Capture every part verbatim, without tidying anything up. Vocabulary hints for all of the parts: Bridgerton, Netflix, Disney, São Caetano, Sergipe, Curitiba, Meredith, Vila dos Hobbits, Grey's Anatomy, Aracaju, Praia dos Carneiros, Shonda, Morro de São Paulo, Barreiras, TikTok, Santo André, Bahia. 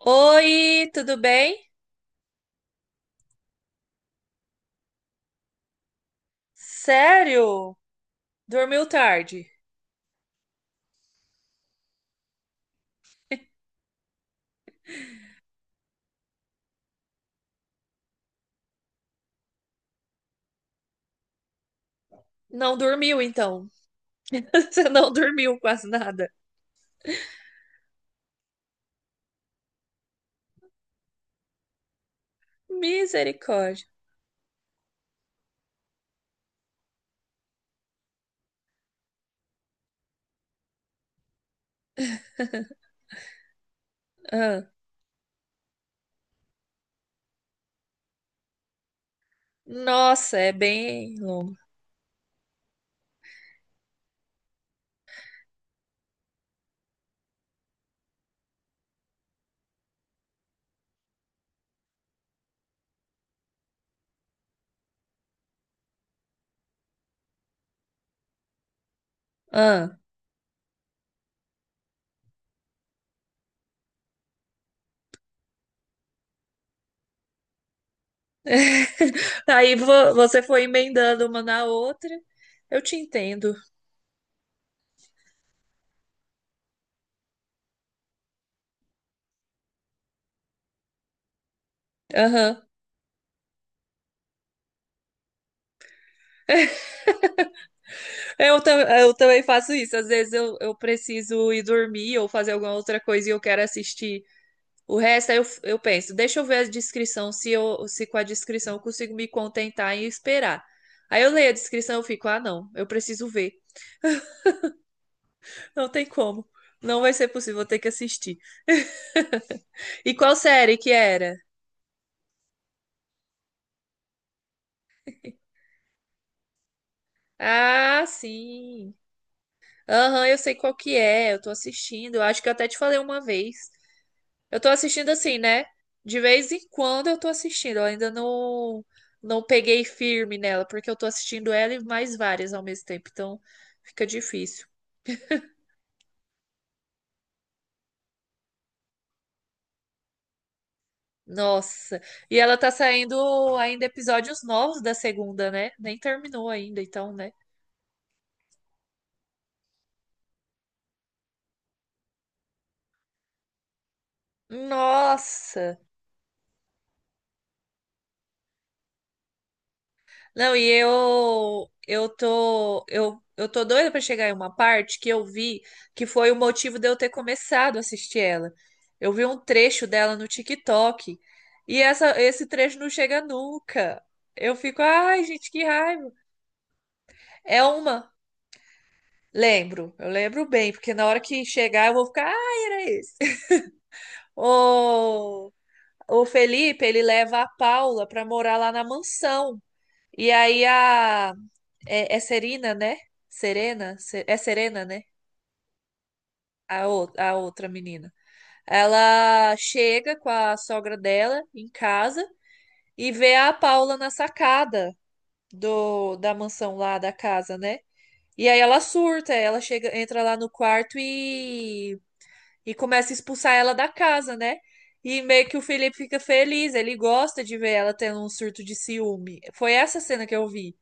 Oi, tudo bem? Sério? Dormiu tarde? Não dormiu, então. Você não dormiu quase nada. Misericórdia. Ah, nossa, é bem longo. Ah, Aí vo- você foi emendando uma na outra. Eu te entendo. Aham. Eu, tam- eu também faço isso. Às vezes eu, eu preciso ir dormir ou fazer alguma outra coisa e eu quero assistir. O resto aí eu, eu penso, deixa eu ver a descrição, se eu, se com a descrição eu consigo me contentar e esperar. Aí eu leio a descrição, eu fico, ah, não, eu preciso ver. Não tem como. Não vai ser possível, vou ter que assistir. E qual série que era? Ah, sim. Aham, eu sei qual que é, eu tô assistindo. Eu acho que eu até te falei uma vez. Eu tô assistindo assim, né? De vez em quando eu tô assistindo. Eu ainda não não peguei firme nela, porque eu tô assistindo ela e mais várias ao mesmo tempo, então fica difícil. Nossa. E ela tá saindo ainda episódios novos da segunda, né? Nem terminou ainda, então, né? Nossa. Não, e eu eu tô eu eu tô doida pra chegar em uma parte que eu vi que foi o motivo de eu ter começado a assistir ela. Eu vi um trecho dela no TikTok e essa esse trecho não chega nunca. Eu fico, ai, gente, que raiva. É uma. Lembro, eu lembro bem, porque na hora que chegar eu vou ficar, ai, era esse. Ô, o Felipe, ele leva a Paula para morar lá na mansão. E aí a é, é Serena, né? Serena, Se- é Serena, né? A, ou- a outra menina. Ela chega com a sogra dela em casa e vê a Paula na sacada do da mansão lá da casa, né? E aí ela surta, ela chega, entra lá no quarto e e começa a expulsar ela da casa, né? E meio que o Felipe fica feliz, ele gosta de ver ela tendo um surto de ciúme. Foi essa cena que eu vi.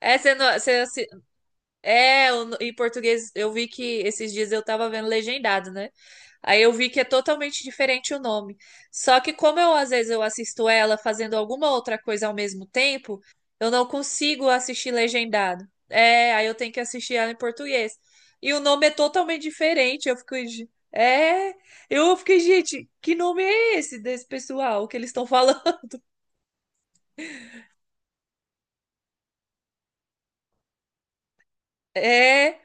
É, você, não- você, é, o- em português eu vi que esses dias eu tava vendo legendado, né? Aí eu vi que é totalmente diferente o nome. Só que como eu às vezes eu assisto ela fazendo alguma outra coisa ao mesmo tempo, eu não consigo assistir legendado. É, aí eu tenho que assistir ela em português. E o nome é totalmente diferente. Eu fico, "Ge- é," eu fiquei, gente, que nome é esse desse pessoal que eles estão falando? É?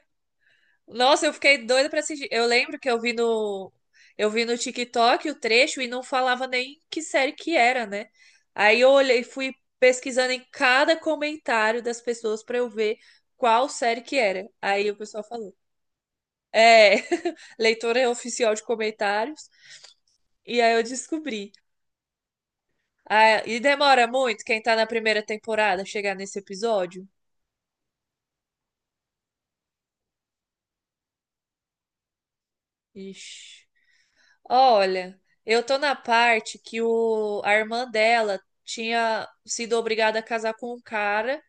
Nossa, eu fiquei doida pra assistir. Eu lembro que eu vi no eu vi no TikTok o trecho e não falava nem que série que era, né? Aí eu olhei, fui pesquisando em cada comentário das pessoas pra eu ver qual série que era. Aí o pessoal falou: "É, leitora oficial de comentários". E aí eu descobri. Ah, e demora muito quem tá na primeira temporada chegar nesse episódio? Ixi. Olha, eu tô na parte que o, a irmã dela tinha sido obrigada a casar com um cara,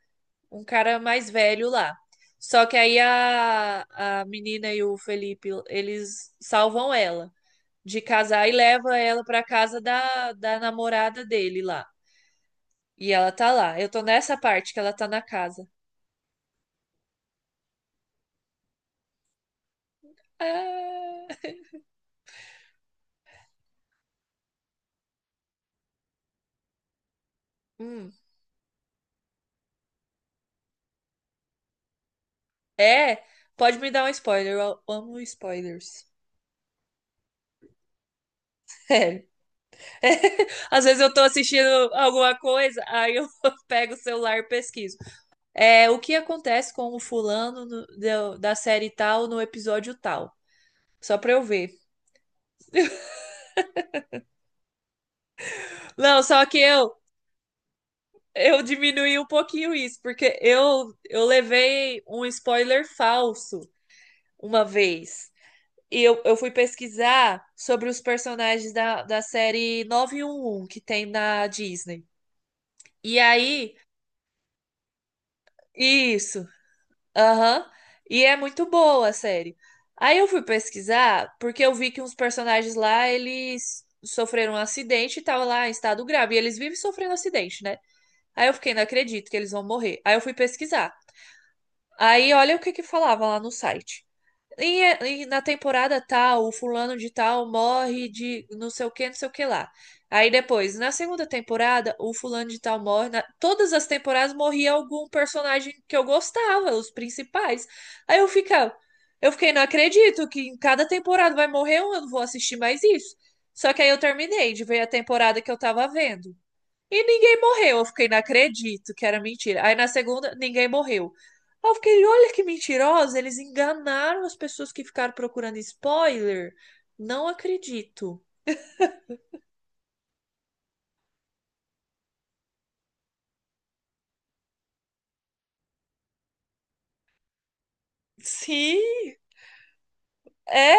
um cara mais velho lá. Só que aí a, a menina e o Felipe, eles salvam ela de casar e leva ela pra casa da, da namorada dele lá. E ela tá lá. Eu tô nessa parte que ela tá na casa. Ah, hum. É, pode me dar um spoiler. Eu amo spoilers. Às vezes eu tô assistindo alguma coisa, aí eu pego o celular e pesquiso. É, o que acontece com o fulano no- da da série tal no episódio tal? Só pra eu ver. Não, só que eu eu diminuí um pouquinho isso, porque eu eu levei um spoiler falso uma vez. E eu, eu fui pesquisar sobre os personagens da, da série nove um um que tem na Disney. E aí, isso. Aham. E é muito boa a série. Aí eu fui pesquisar, porque eu vi que uns personagens lá, eles sofreram um acidente e tava lá em estado grave. E eles vivem sofrendo acidente, né? Aí eu fiquei, não acredito que eles vão morrer. Aí eu fui pesquisar. Aí olha o que que falava lá no site. E, e na temporada tal, o fulano de tal morre de não sei o que, não sei o que lá. Aí depois, na segunda temporada, o fulano de tal morre. na- Todas as temporadas morria algum personagem que eu gostava, os principais. Aí eu ficava, eu fiquei, não acredito que em cada temporada vai morrer um, eu não vou assistir mais isso. Só que aí eu terminei de ver a temporada que eu tava vendo. E ninguém morreu. Eu fiquei, não acredito que era mentira. Aí na segunda, ninguém morreu. Aí eu fiquei, olha que mentirosa, eles enganaram as pessoas que ficaram procurando spoiler. Não acredito. Sim, é,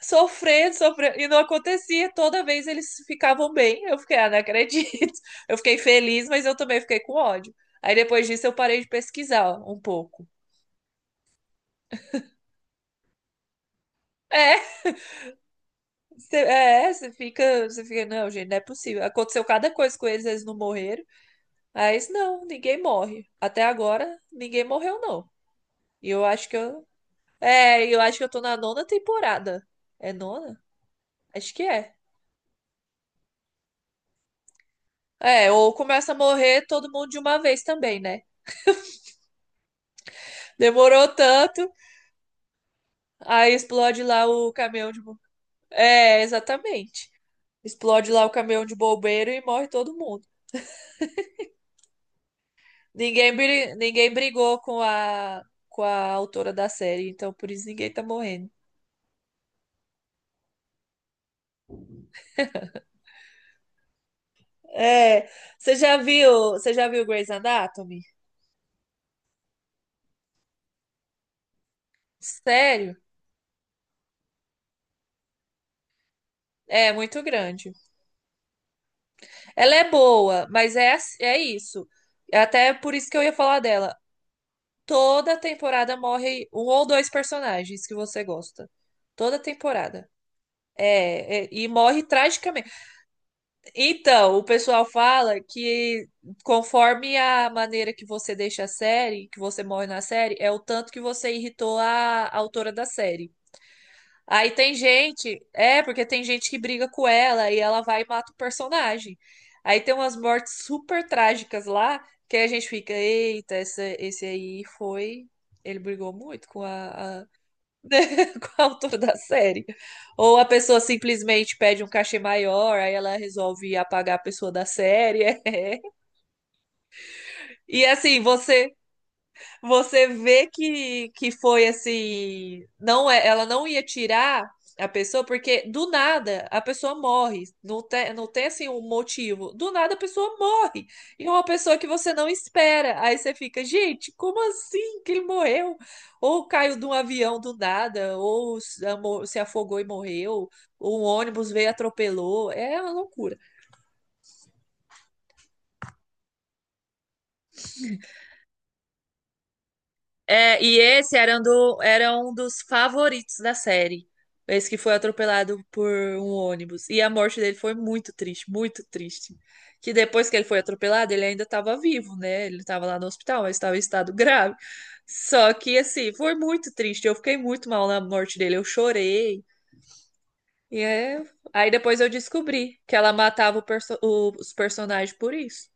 sofrendo, sofrendo, e não acontecia. Toda vez eles ficavam bem. Eu fiquei, ah, não acredito. Eu fiquei feliz, mas eu também fiquei com ódio. Aí depois disso eu parei de pesquisar um pouco. É, você, é, você fica, você fica, não, gente, não é possível. Aconteceu cada coisa com eles, eles não morreram. Mas não, ninguém morre. Até agora, ninguém morreu, não. E eu acho que eu. É, eu acho que eu tô na nona temporada. É nona? Acho que é. É, ou começa a morrer todo mundo de uma vez também, né? Demorou tanto, aí explode lá o caminhão de. bo- É, exatamente. Explode lá o caminhão de bombeiro e morre todo mundo. Ninguém, bri- ninguém brigou com a... com a autora da série, então por isso ninguém tá morrendo. É, você já viu, você já viu Grey's Anatomy? Sério? É muito grande. Ela é boa, mas é, ass- é isso. É até por isso que eu ia falar dela. Toda temporada morre um ou dois personagens que você gosta. Toda temporada. É, é, e morre tragicamente. Então, o pessoal fala que conforme a maneira que você deixa a série, que você morre na série, é o tanto que você irritou a a autora da série. Aí tem gente, é, porque tem gente que briga com ela e ela vai e mata o personagem. Aí tem umas mortes super trágicas lá, que aí a gente fica, eita, essa, esse aí foi. Ele brigou muito com a, a- com a autora da série. Ou a pessoa simplesmente pede um cachê maior, aí ela resolve apagar a pessoa da série. É. E assim, você. Você vê que, que foi assim, não é, ela não ia tirar a pessoa porque do nada a pessoa morre, não tem, não tem assim um motivo. Do nada a pessoa morre. E é uma pessoa que você não espera. Aí você fica, gente, como assim que ele morreu? Ou caiu de um avião do nada, ou se amo- se afogou e morreu, ou um ônibus veio e atropelou. É uma loucura. É, e esse era um, do- era um dos favoritos da série. Esse que foi atropelado por um ônibus. E a morte dele foi muito triste, muito triste. Que depois que ele foi atropelado, ele ainda estava vivo, né? Ele estava lá no hospital, mas estava em estado grave. Só que, assim, foi muito triste. Eu fiquei muito mal na morte dele. Eu chorei. E é... aí depois eu descobri que ela matava o perso- o- os personagens por isso.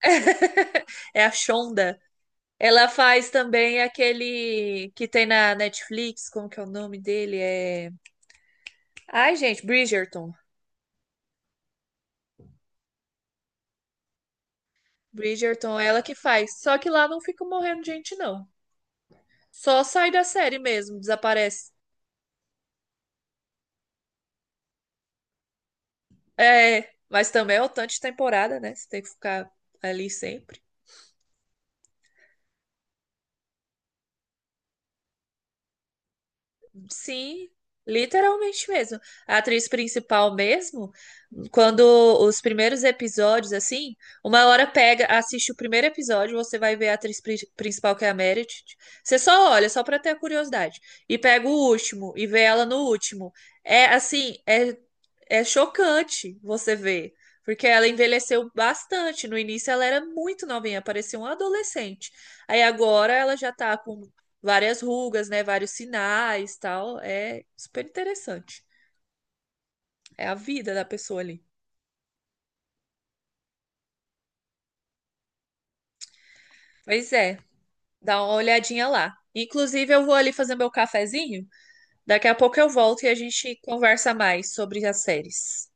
É a Shonda. Ela faz também aquele que tem na Netflix, como que é o nome dele? É... Ai, gente, Bridgerton. Bridgerton, é ela que faz. Só que lá não fica morrendo gente, não. Só sai da série mesmo, desaparece. É, mas também é o tanto de temporada, né? Você tem que ficar ali sempre. Sim, literalmente mesmo. A atriz principal mesmo, quando os primeiros episódios, assim, uma hora pega, assiste o primeiro episódio, você vai ver a atriz pri- principal, que é a Meredith. Você só olha, só pra ter a curiosidade. E pega o último e vê ela no último. É assim, é é chocante você ver, porque ela envelheceu bastante. No início ela era muito novinha, parecia uma adolescente. Aí agora ela já tá com várias rugas, né, vários sinais, tal. É super interessante. É a vida da pessoa ali. Pois é, dá uma olhadinha lá. Inclusive eu vou ali fazer meu cafezinho. Daqui a pouco eu volto e a gente conversa mais sobre as séries.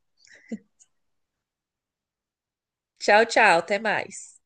Tchau, tchau, até mais.